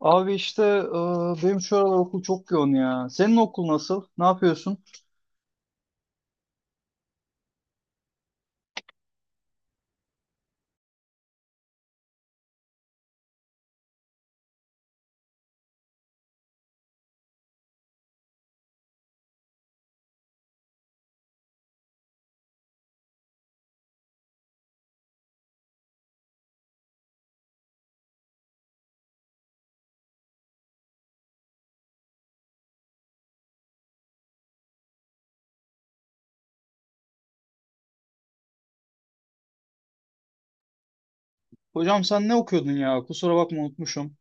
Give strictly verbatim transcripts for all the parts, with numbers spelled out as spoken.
Abi işte e, benim şu aralar okul çok yoğun ya. Senin okul nasıl? Ne yapıyorsun? Hocam sen ne okuyordun ya? Kusura bakma unutmuşum.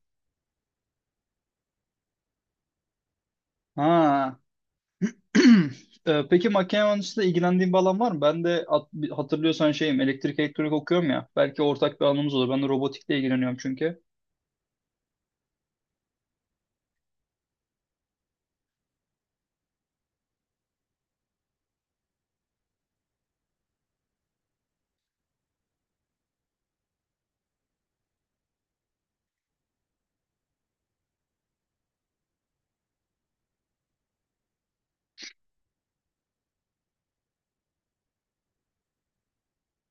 Ha. E, Peki makine mühendisliğiyle ilgilendiğin bir alan var mı? Ben de at- hatırlıyorsan şeyim elektrik elektronik okuyorum ya. Belki ortak bir alanımız olur. Ben de robotikle ilgileniyorum çünkü.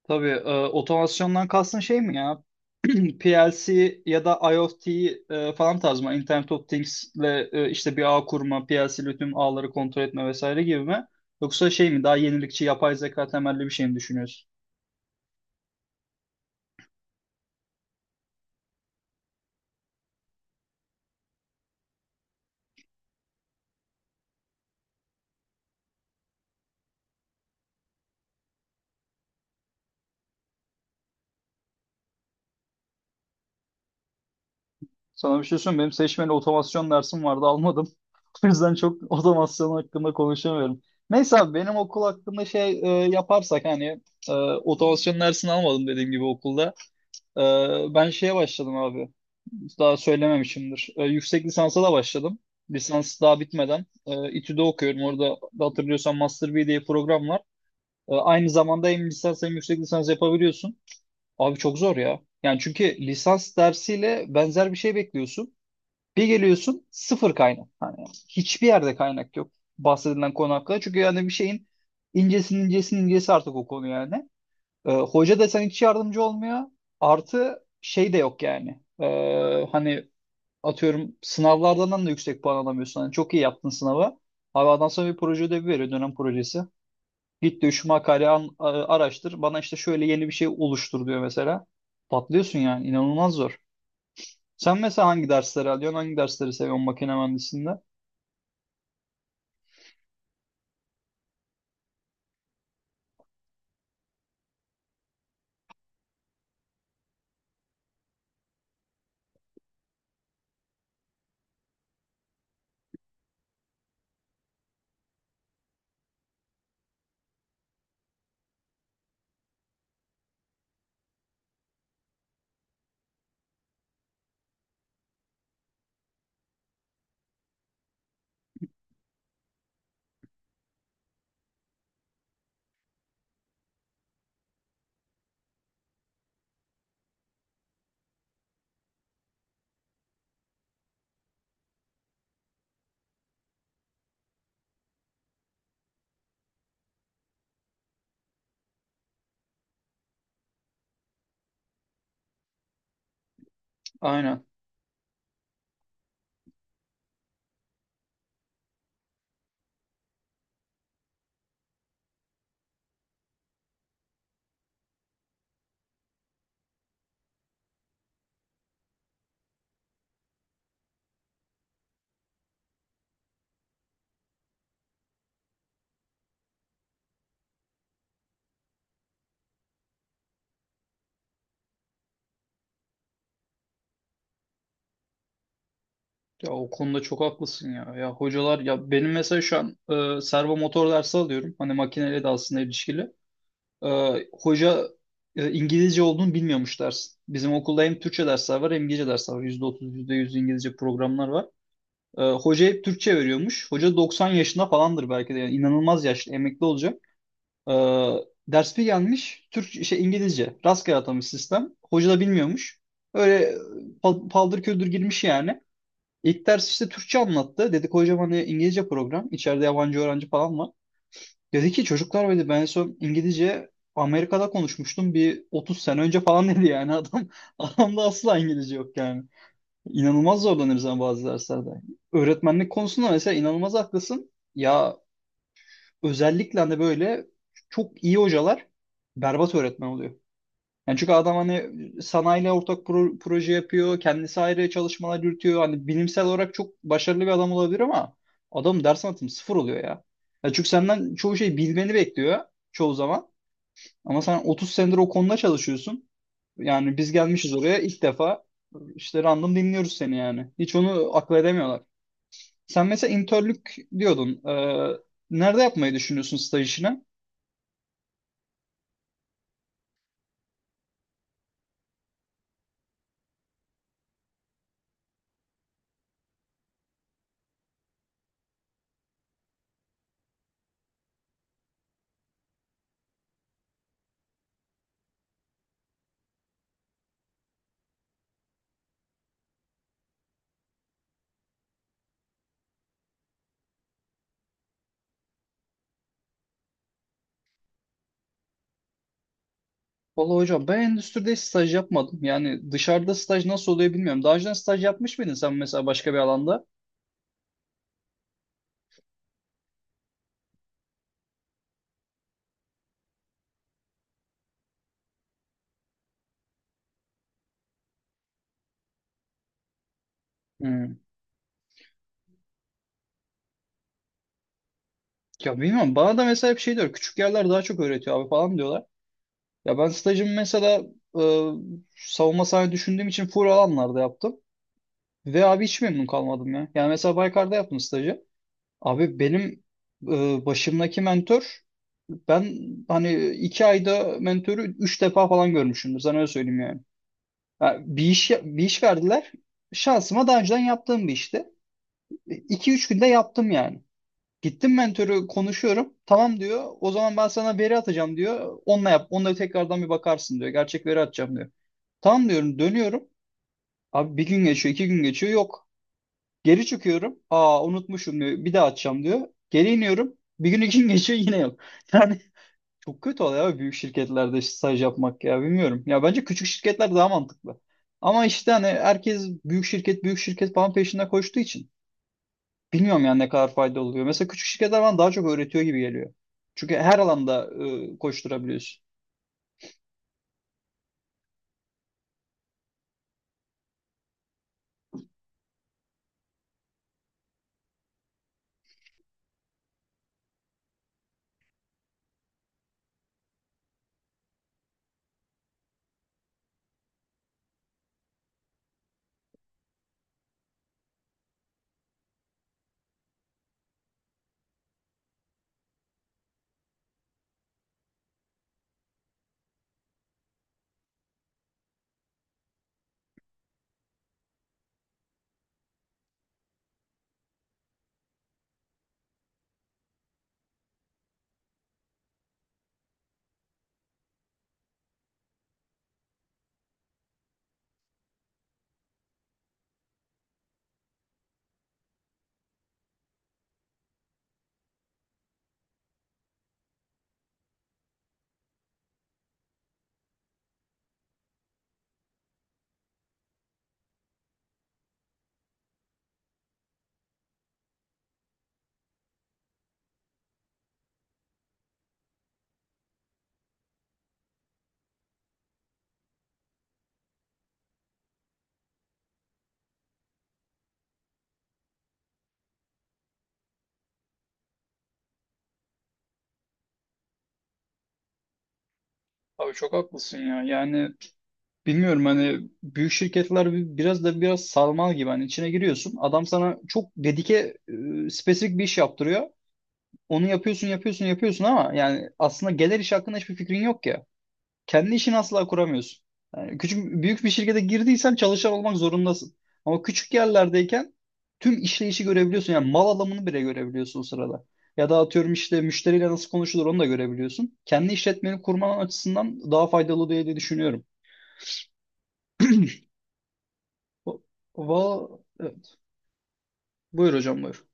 Tabii e, otomasyondan kastın şey mi ya? P L C ya da I o T e, falan tarz mı? Internet of Things'le e, işte bir ağ kurma, P L C'li tüm ağları kontrol etme vesaire gibi mi? Yoksa şey mi? Daha yenilikçi, yapay zeka temelli bir şey mi düşünüyorsun? Sana bir şey söyleyeyim mi? Benim seçmeli otomasyon dersim vardı, almadım. O yüzden çok otomasyon hakkında konuşamıyorum. Neyse abi benim okul hakkında şey e, yaparsak hani e, otomasyon dersini almadım dediğim gibi okulda. Ee, ben şeye başladım abi. Daha söylememişimdir. Ee, yüksek lisansa da başladım. Lisans daha bitmeden. Ee, İTÜ'de okuyorum. Orada da hatırlıyorsan Master B diye bir program var. Ee, aynı zamanda hem lisans hem yüksek lisans yapabiliyorsun. Abi çok zor ya. Yani çünkü lisans dersiyle benzer bir şey bekliyorsun. Bir geliyorsun sıfır kaynak. Hani hiçbir yerde kaynak yok bahsedilen konu hakkında. Çünkü yani bir şeyin incesinin incesinin incesi artık o konu yani. Ee, hoca da sana hiç yardımcı olmuyor. Artı şey de yok yani. Ee, hani atıyorum sınavlardan da yüksek puan alamıyorsun. Hani çok iyi yaptın sınavı. Abi adam sonra bir proje ödevi veriyor dönem projesi. Git diyor şu makaleyi an- a- araştır. Bana işte şöyle yeni bir şey oluştur diyor mesela. Patlıyorsun yani inanılmaz zor. Sen mesela hangi dersleri alıyorsun? Hangi dersleri seviyorsun makine mühendisliğinde? Aynen. Ya o konuda çok haklısın ya. Ya hocalar ya benim mesela şu an e, servo motor dersi alıyorum. Hani makineyle de aslında ilişkili. Ee, hoca e, İngilizce olduğunu bilmiyormuş ders. Bizim okulda hem Türkçe dersler var hem İngilizce dersler var. Yüzde otuz, yüzde yüz İngilizce programlar var. Ee, hoca hep Türkçe veriyormuş. Hoca doksan yaşında falandır belki de. Yani inanılmaz yaşlı, emekli olacak. Ee, Ders bir gelmiş, Türk, şey, İngilizce. Rastgele atamış sistem. Hoca da bilmiyormuş. Öyle pal- paldır küldür girmiş yani. İlk ders işte Türkçe anlattı. Dedik hocam hani İngilizce program. İçeride yabancı öğrenci falan var. Dedi ki çocuklar dedi ben en son İngilizce Amerika'da konuşmuştum bir otuz sene önce falan dedi yani adam adamda asla İngilizce yok yani. İnanılmaz zorlanırız ama bazı derslerde. Öğretmenlik konusunda mesela inanılmaz haklısın. Ya özellikle de böyle çok iyi hocalar berbat öğretmen oluyor. Yani çünkü adam hani sanayiyle ortak pro- proje yapıyor, kendisi ayrı çalışmalar yürütüyor. Hani bilimsel olarak çok başarılı bir adam olabilir ama adam ders anlatımı sıfır oluyor ya. Ya çünkü senden çoğu şeyi bilmeni bekliyor çoğu zaman. Ama sen otuz senedir o konuda çalışıyorsun. Yani biz gelmişiz oraya ilk defa işte random dinliyoruz seni yani. Hiç onu akıl edemiyorlar. Sen mesela internlük diyordun. Ee, nerede yapmayı düşünüyorsun staj işini? Vallahi hocam ben endüstride hiç staj yapmadım. Yani dışarıda staj nasıl oluyor bilmiyorum. Daha önceden staj yapmış mıydın sen mesela başka bir alanda? Hmm. Ya bilmiyorum. Bana da mesela hep şey diyor. Küçük yerler daha çok öğretiyor abi falan diyorlar. Ya ben stajımı mesela e, savunma sahne düşündüğüm için full alanlarda yaptım. Ve abi hiç memnun kalmadım ya. Yani mesela Baykar'da yaptım stajı. Abi benim e, başımdaki mentor ben hani iki ayda mentörü üç defa falan görmüşümdür. Sana öyle söyleyeyim yani. Ha, bir iş bir iş verdiler. Şansıma daha önceden yaptığım bir işti. İki üç günde yaptım yani. Gittim mentörü konuşuyorum. Tamam diyor. O zaman ben sana veri atacağım diyor. Onunla yap. Onunla tekrardan bir bakarsın diyor. Gerçek veri atacağım diyor. Tamam diyorum. Dönüyorum. Abi bir gün geçiyor, iki gün geçiyor. Yok. Geri çıkıyorum. Aa unutmuşum diyor. Bir daha atacağım diyor. Geri iniyorum. Bir gün iki gün geçiyor yine yok. Yani çok kötü oluyor abi büyük şirketlerde işte staj yapmak ya bilmiyorum. Ya bence küçük şirketler daha mantıklı. Ama işte hani herkes büyük şirket büyük şirket falan peşinde koştuğu için bilmiyorum yani ne kadar fayda oluyor. Mesela küçük şirketler bana daha çok öğretiyor gibi geliyor. Çünkü her alanda e, koşturabiliyorsun. Abi çok haklısın ya. Yani Bilmiyorum hani büyük şirketler bi- biraz da biraz sarmal gibi hani içine giriyorsun. Adam sana çok dedike e, spesifik bir iş yaptırıyor. Onu yapıyorsun yapıyorsun yapıyorsun ama yani aslında gelir iş hakkında hiçbir fikrin yok ya. Kendi işini asla kuramıyorsun. Yani küçük büyük bir şirkete girdiysen çalışan olmak zorundasın. Ama küçük yerlerdeyken tüm işleyişi görebiliyorsun. Yani mal alımını bile görebiliyorsun o sırada. Ya da atıyorum işte müşteriyle nasıl konuşulur onu da görebiliyorsun. Kendi işletmeni kurman açısından daha faydalı diye diye düşünüyorum. Va evet. Buyur hocam buyur.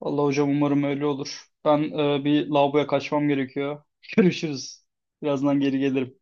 Allah hocam umarım öyle olur. Ben e, bir lavaboya kaçmam gerekiyor. Görüşürüz. Birazdan geri gelirim.